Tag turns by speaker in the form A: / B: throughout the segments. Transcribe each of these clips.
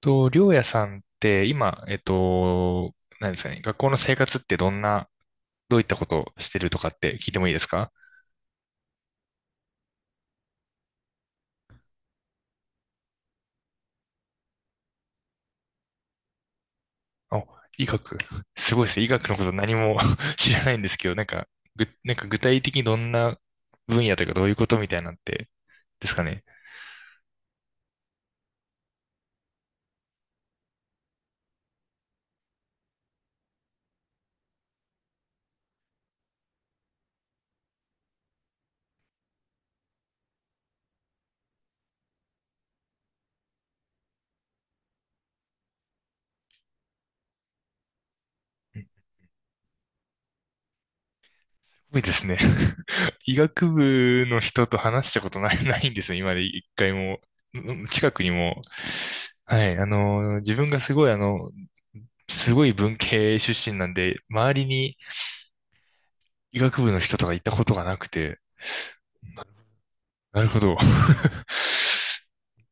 A: と、りょうやさんって今、何ですかね、学校の生活ってどんな、どういったことをしてるとかって聞いてもいいですか？あ、医学。すごいですね。医学のこと何も 知らないんですけど、なんか、なんか具体的にどんな分野というかどういうことみたいなのって、ですかね。うん、すごいですね。医学部の人と話したことない、ないんですよ、今まで一回も。うん、近くにも。はい、自分がすごい文系出身なんで、周りに医学部の人とかいたことがなくて、なるほど。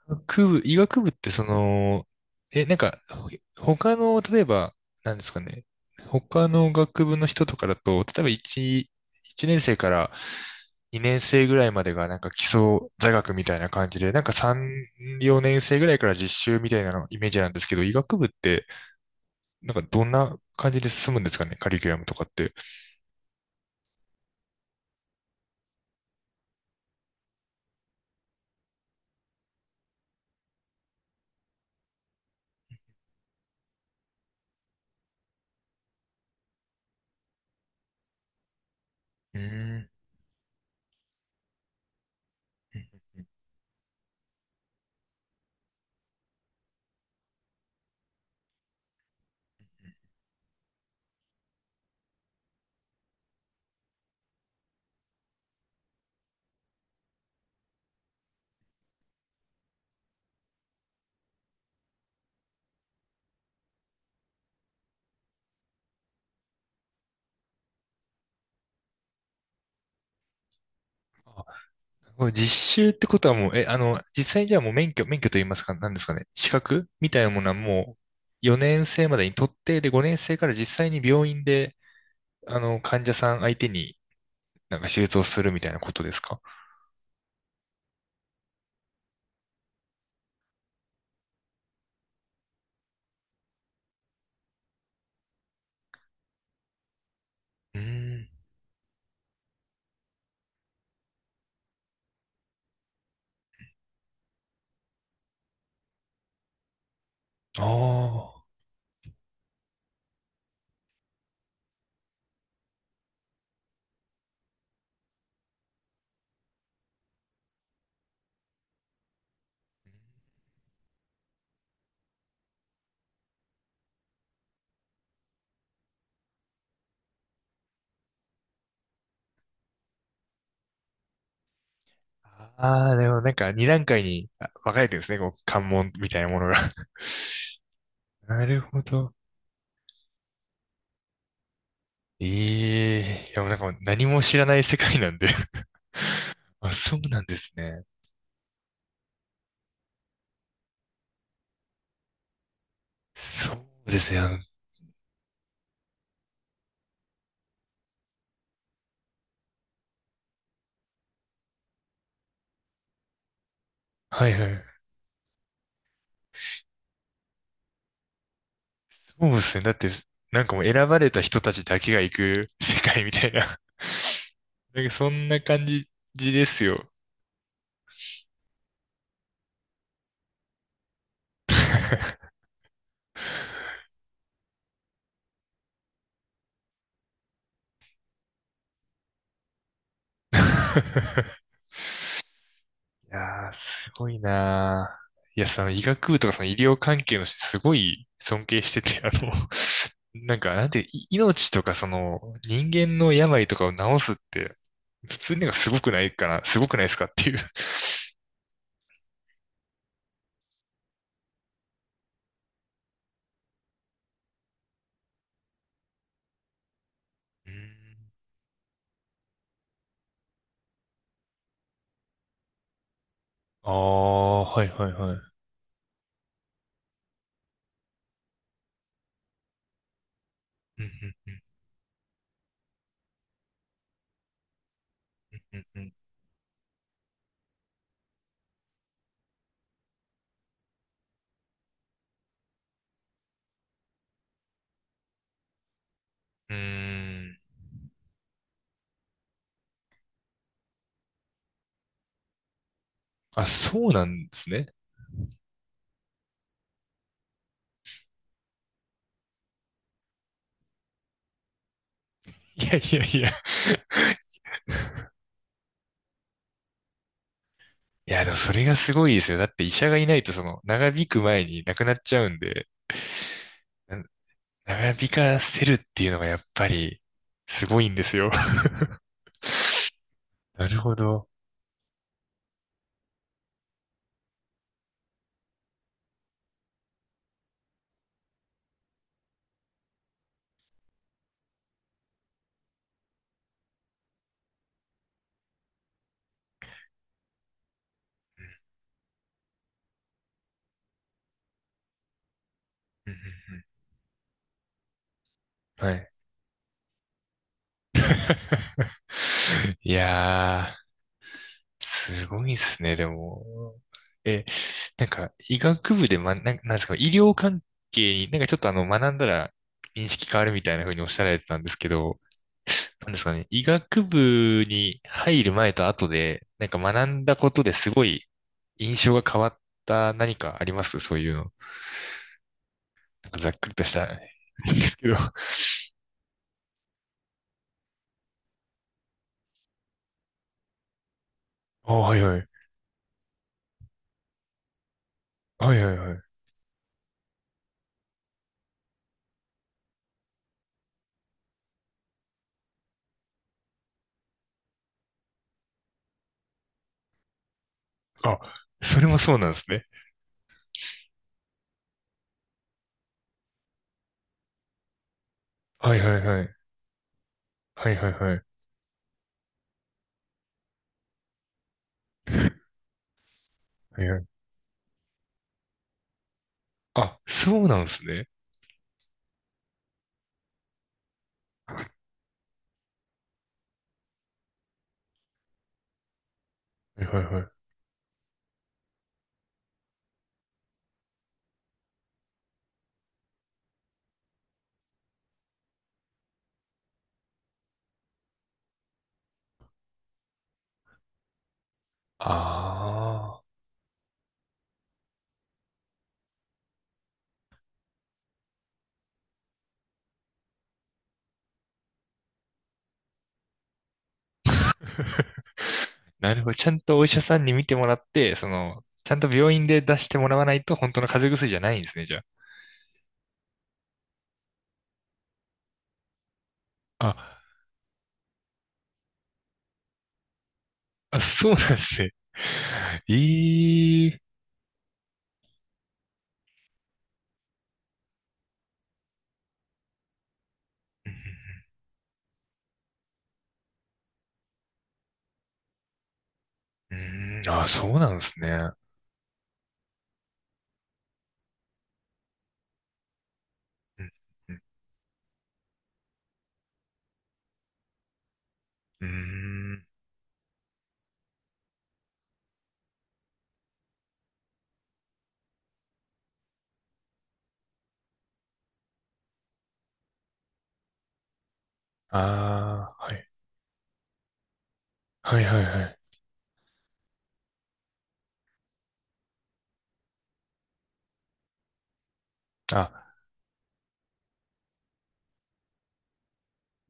A: 医学部ってなんか、他の、例えば、なんですかね、他の学部の人とかだと、例えば1、一年生から2年生ぐらいまでがなんか基礎座学みたいな感じで、なんか3、4年生ぐらいから実習みたいなのイメージなんですけど、医学部って、なんかどんな感じで進むんですかね、カリキュラムとかって。うーん。これ実習ってことはもう、え、あの、実際にじゃあもう免許と言いますか、何ですかね、資格みたいなものはもう4年生までに取って、で、5年生から実際に病院で、患者さん相手になんか手術をするみたいなことですか？うーん。ああ。ああ、でもなんか2段階に分かれてるんですね、こう、関門みたいなものが。なるほど。ええ、いや、もうなんかもう何も知らない世界なんで、 あ、そうなんですね。そうですね。はいはい。そうですね。だって、なんかもう選ばれた人たちだけが行く 世界みたいな。なんかそんな感じですよ。いやー、すごいなー。いや、その医学部とかその医療関係の人、すごい尊敬してて、なんか、なんて、い命とかその人間の病とかを治すって、普通になんかすごくないかな、すごくないですかっていう。うーん、ああ、はいはいはい。うんうんうんうんうん。うーん、あ、そうなんですね。いやいやいや。いや、でもそれがすごいですよ。だって医者がいないとその長引く前に亡くなっちゃうんで、な長引かせるっていうのがやっぱりすごいんですよ。なるほど。うんうんうん、はい。いやー、すごいですね、でも。え、なんか、医学部で、なんですか、医療関係に、なんかちょっと学んだら認識変わるみたいな風におっしゃられてたんですけど、なんですかね、医学部に入る前と後で、なんか学んだことですごい印象が変わった何かありますそういうの？なんかざっくりとしたなんですけど。あ、はいはい。はいはいはい。あ、それもそうなんですね。はいはいはい。はいはいはい。はいはい。あ、そうなんですね。はいはいはい。ああ。なるほど。ちゃんとお医者さんに診てもらって、ちゃんと病院で出してもらわないと本当の風邪薬じゃないんですね、じゃあ。あ、そうなんですね。いい。うん、あ、そうなんですね。うんうんうん、あ、はい。はいはいはい。あ、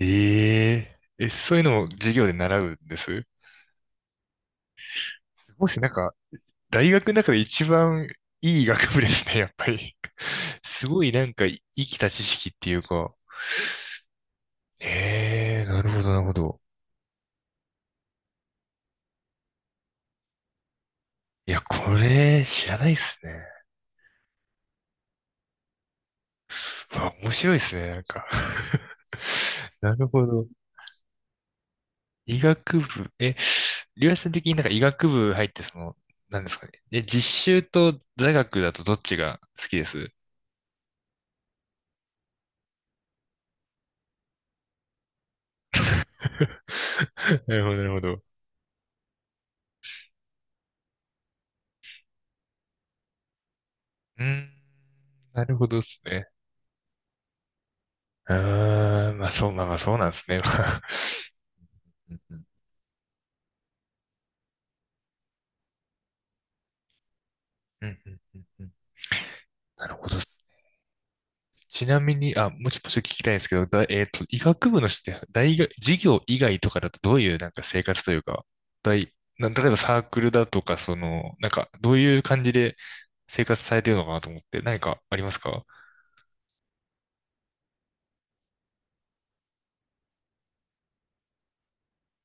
A: えええ、そういうのを授業で習うんです。もしなんか、大学の中で一番いい学部ですね、やっぱり。すごいなんか、生きた知識っていうか。ええ、なるほど、なるほど。いや、これ、知らないっすね。うわ、面白いっすね、なんか。なるほど。医学部、りゅうやさん的になんか医学部入ってなんですかね。実習と座学だとどっちが好きです？ なるほど、なるほど。うーん、なるほどですね。あー、まあそう、まあまあそうなんですね。まあ。うんうんうんうんうんうん。なるほどっす。ちなみに、あ、もうちょっと聞きたいんですけど、だ、えっと、医学部の人って大学、授業以外とかだとどういうなんか生活というか、大、例えばサークルだとか、なんか、どういう感じで、生活されてるのかなと思って、何かありますか？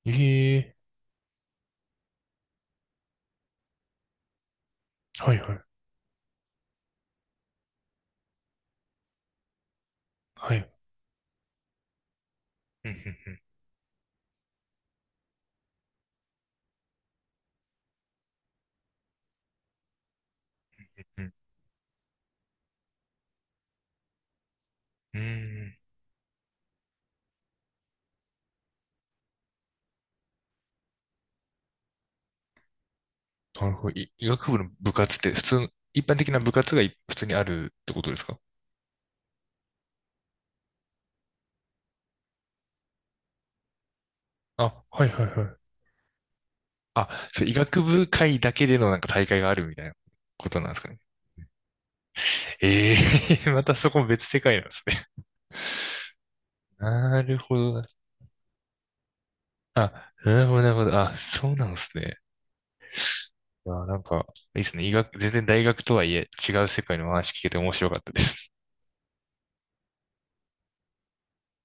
A: ええ、はいはい。はい。うんうんうんうん。うーん。なるほど。医学部の部活って普通の、一般的な部活が普通にあるってことですか？あ、はいはいはい。あ、そう、医学部会だけでのなんか大会があるみたいなことなんですかね？ええ またそこも別世界なんですね。なるほどな。あ、なるほどなるほど。あ、そうなんですね。あ、なんか、いいですね。医学、全然大学とはいえ違う世界の話聞けて面白かったです。